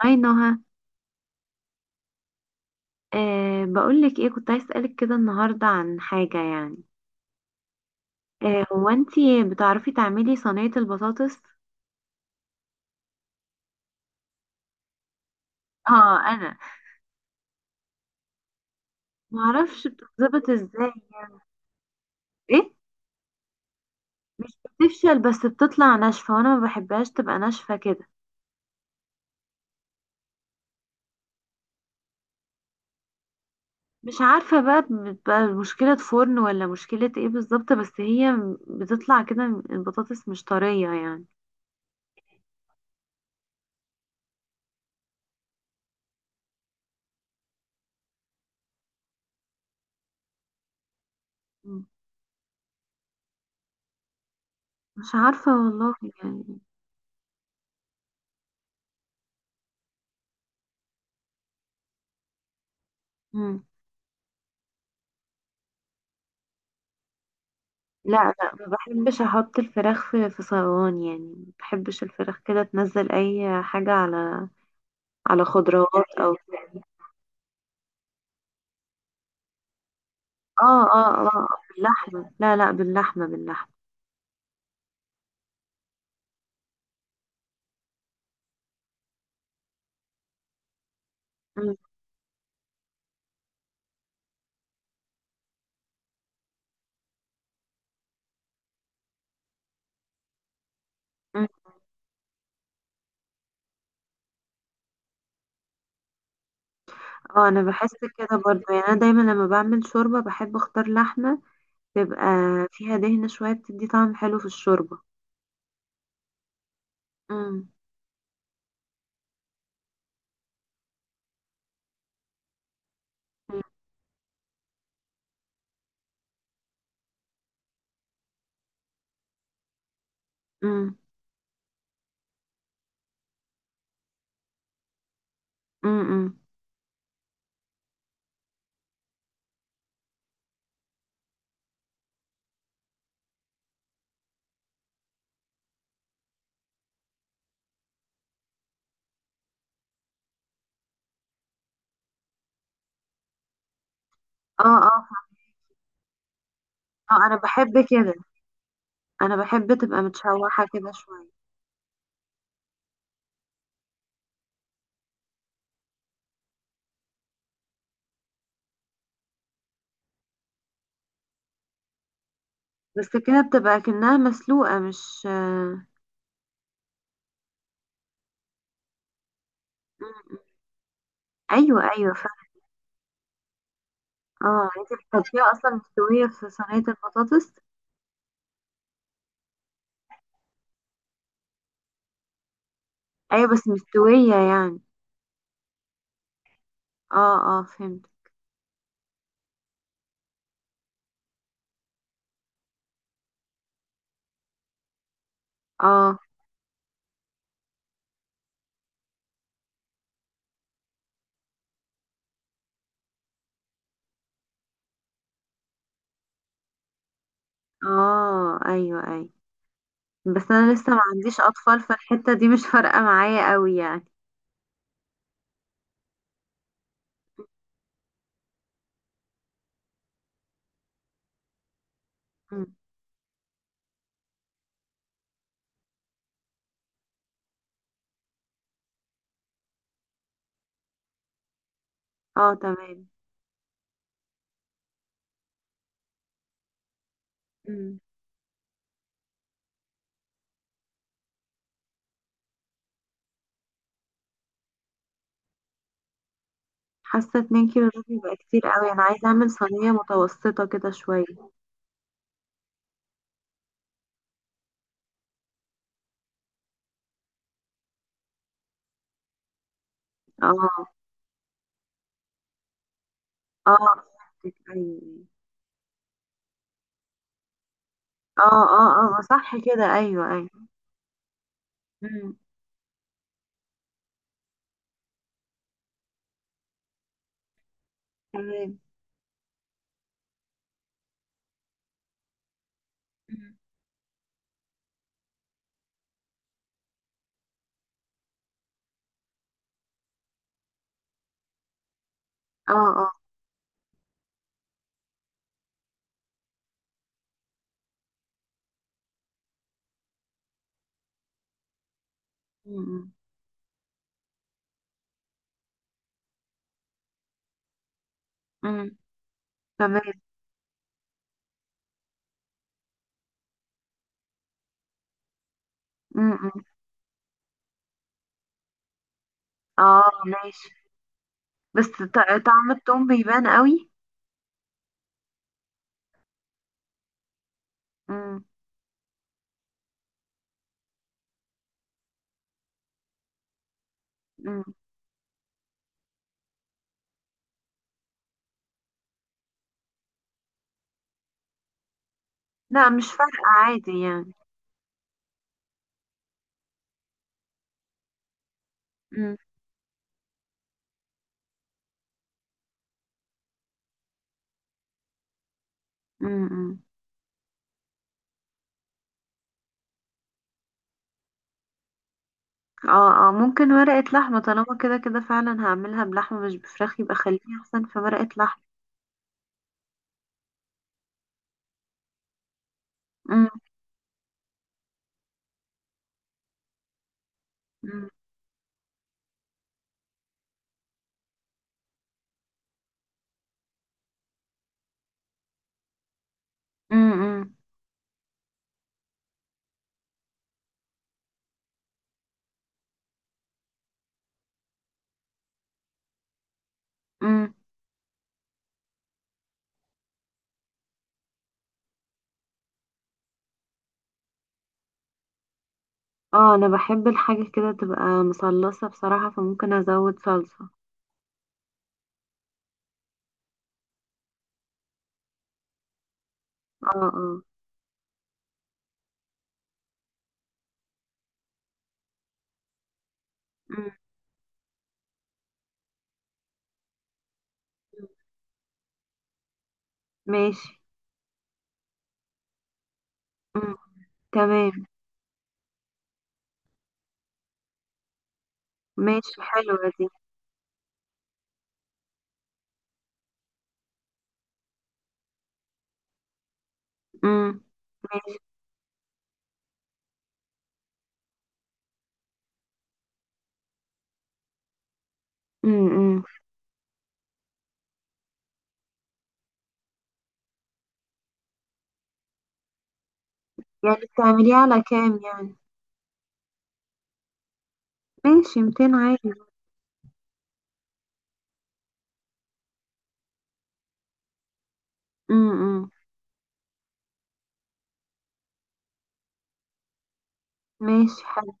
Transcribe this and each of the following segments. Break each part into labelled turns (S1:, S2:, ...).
S1: هاي نهى. بقولك ايه، كنت عايز اسألك كده النهاردة عن حاجة يعني. هو انتي بتعرفي تعملي صينية البطاطس؟ اه، انا معرفش بتتظبط ازاي. ايه، مش بتفشل بس بتطلع ناشفة وانا ما بحبهاش تبقى ناشفة كده. مش عارفة بقى، بتبقى مشكلة فرن ولا مشكلة ايه بالظبط، بس هي بتطلع كده، البطاطس مش طرية يعني. مم. مش عارفة والله يعني. مم. لا لا، ما بحبش احط الفراخ في صواني يعني، ما بحبش الفراخ كده تنزل اي حاجة على خضروات او. اه اه اه باللحمة، لا لا باللحمة باللحمة. م- م. اه، انا بحس كده برضو يعني. انا دايما لما بعمل شوربة بحب اختار لحمة تبقى فيها دهنة شوية بتدي طعم حلو في الشوربة. امم امم امم إمم، إمم. اه اه اه انا بحب كده، انا بحب تبقى متشوحة كده شوية. بس كده بتبقى كأنها مسلوقة، مش م. أيوة أيوة اه. يعني انت بتحطيها أصلا مستوية في صينية البطاطس. أيوة بس مستوية يعني. اه اه فهمت. اه اه أيوة أيوة. بس أنا لسه ما عنديش أطفال، فالحتة دي مش فارقة معايا قوي يعني. مم. اه تمام. مم. حاسة 2 كيلو دول بيبقى كتير قوي، أنا عايزة أعمل صينية متوسطة كده شوية. اه اه فهمتك. أيوة أيوة. اه اه اه صح كده، أيوة أيوة. مم. تمام. مم. اه اه. مم، مم. تمام. مم، مم. اه ماشي. بس طعم التوم بيبان قوي. مم، مم. لا مش فارقة عادي يعني. مم، مم، مم. اه اه ممكن ورقة لحمة، طالما كده كده فعلا هعملها بلحمة مش بفراخ، يبقى خليها احسن في ورقة لحمة. مم، مم، مم، مم، مم. اه انا بحب الحاجة كده تبقى مصلصة بصراحة، فممكن ازود صلصة. اه اه. مم، ماشي. مم، تمام. ماشي، حلوة دي. امم ماشي. امم يعني بتعمليها على كام يعني؟ ماشي، 200 عادي. امم ماشي حلو.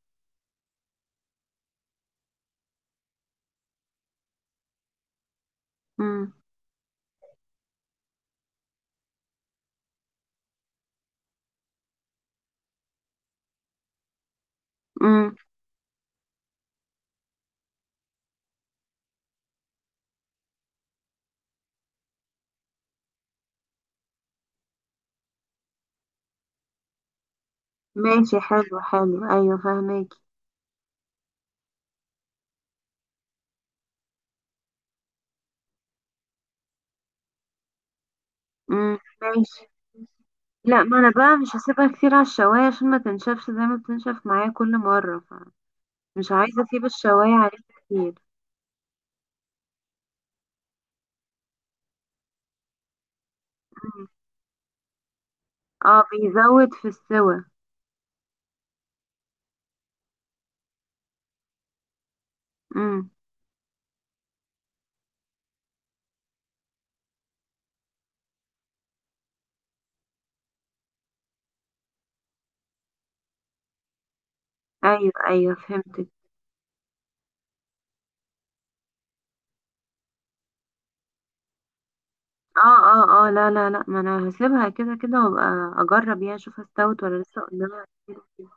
S1: امم امم ماشي، حلو حلو، ايوه فهماكي. ماشي. لا، ما انا بقى مش هسيبها كتير على الشواية عشان ما تنشفش زي ما بتنشف معايا كل مرة، فمش عايزة اسيب الشواية عليه كتير. مم. اه بيزود في السوى. امم. ايوه ايوه فهمتك. اه اه اه لا لا لا، ما انا هسيبها كده كده وابقى اجرب يعني اشوف استوت ولا لسه قدامها كتير.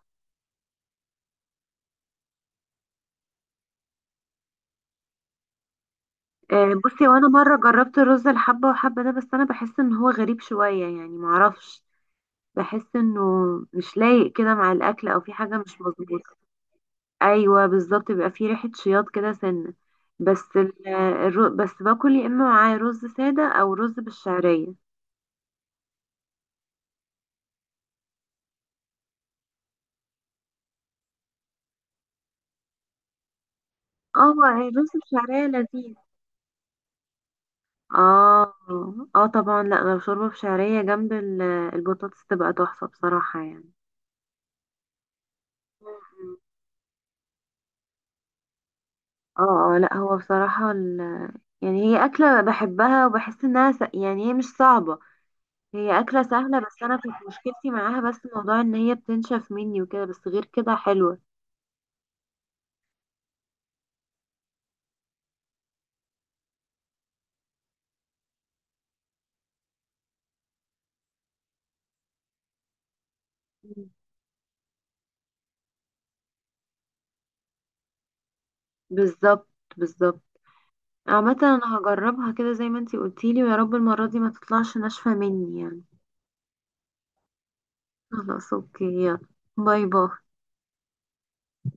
S1: آه، بصي، وانا مره جربت رز الحبه وحبه ده بس انا بحس ان هو غريب شويه يعني، معرفش، بحس انه مش لايق كده مع الاكل او في حاجه مش مظبوطه. ايوه بالظبط، بيبقى في ريحه شياط كده سنه. بس بس باكل يا اما معاه رز ساده او رز بالشعريه. اه، الرز بالشعريه لذيذ. اه اه طبعا، لا لو شوربة بشعرية جنب البطاطس تبقى تحفة بصراحة يعني. مم. اه اه لا هو بصراحة يعني هي أكلة بحبها وبحس إنها يعني هي مش صعبة، هي أكلة سهلة، بس أنا كنت مشكلتي معاها بس موضوع إن هي بتنشف مني وكده، بس غير كده حلوة. مم. بالظبط بالظبط. عامة أنا هجربها كده زي ما انتي قلتيلي، ويا رب المرة دي ما تطلعش ناشفة مني يعني. خلاص اوكي يلا. باي باي.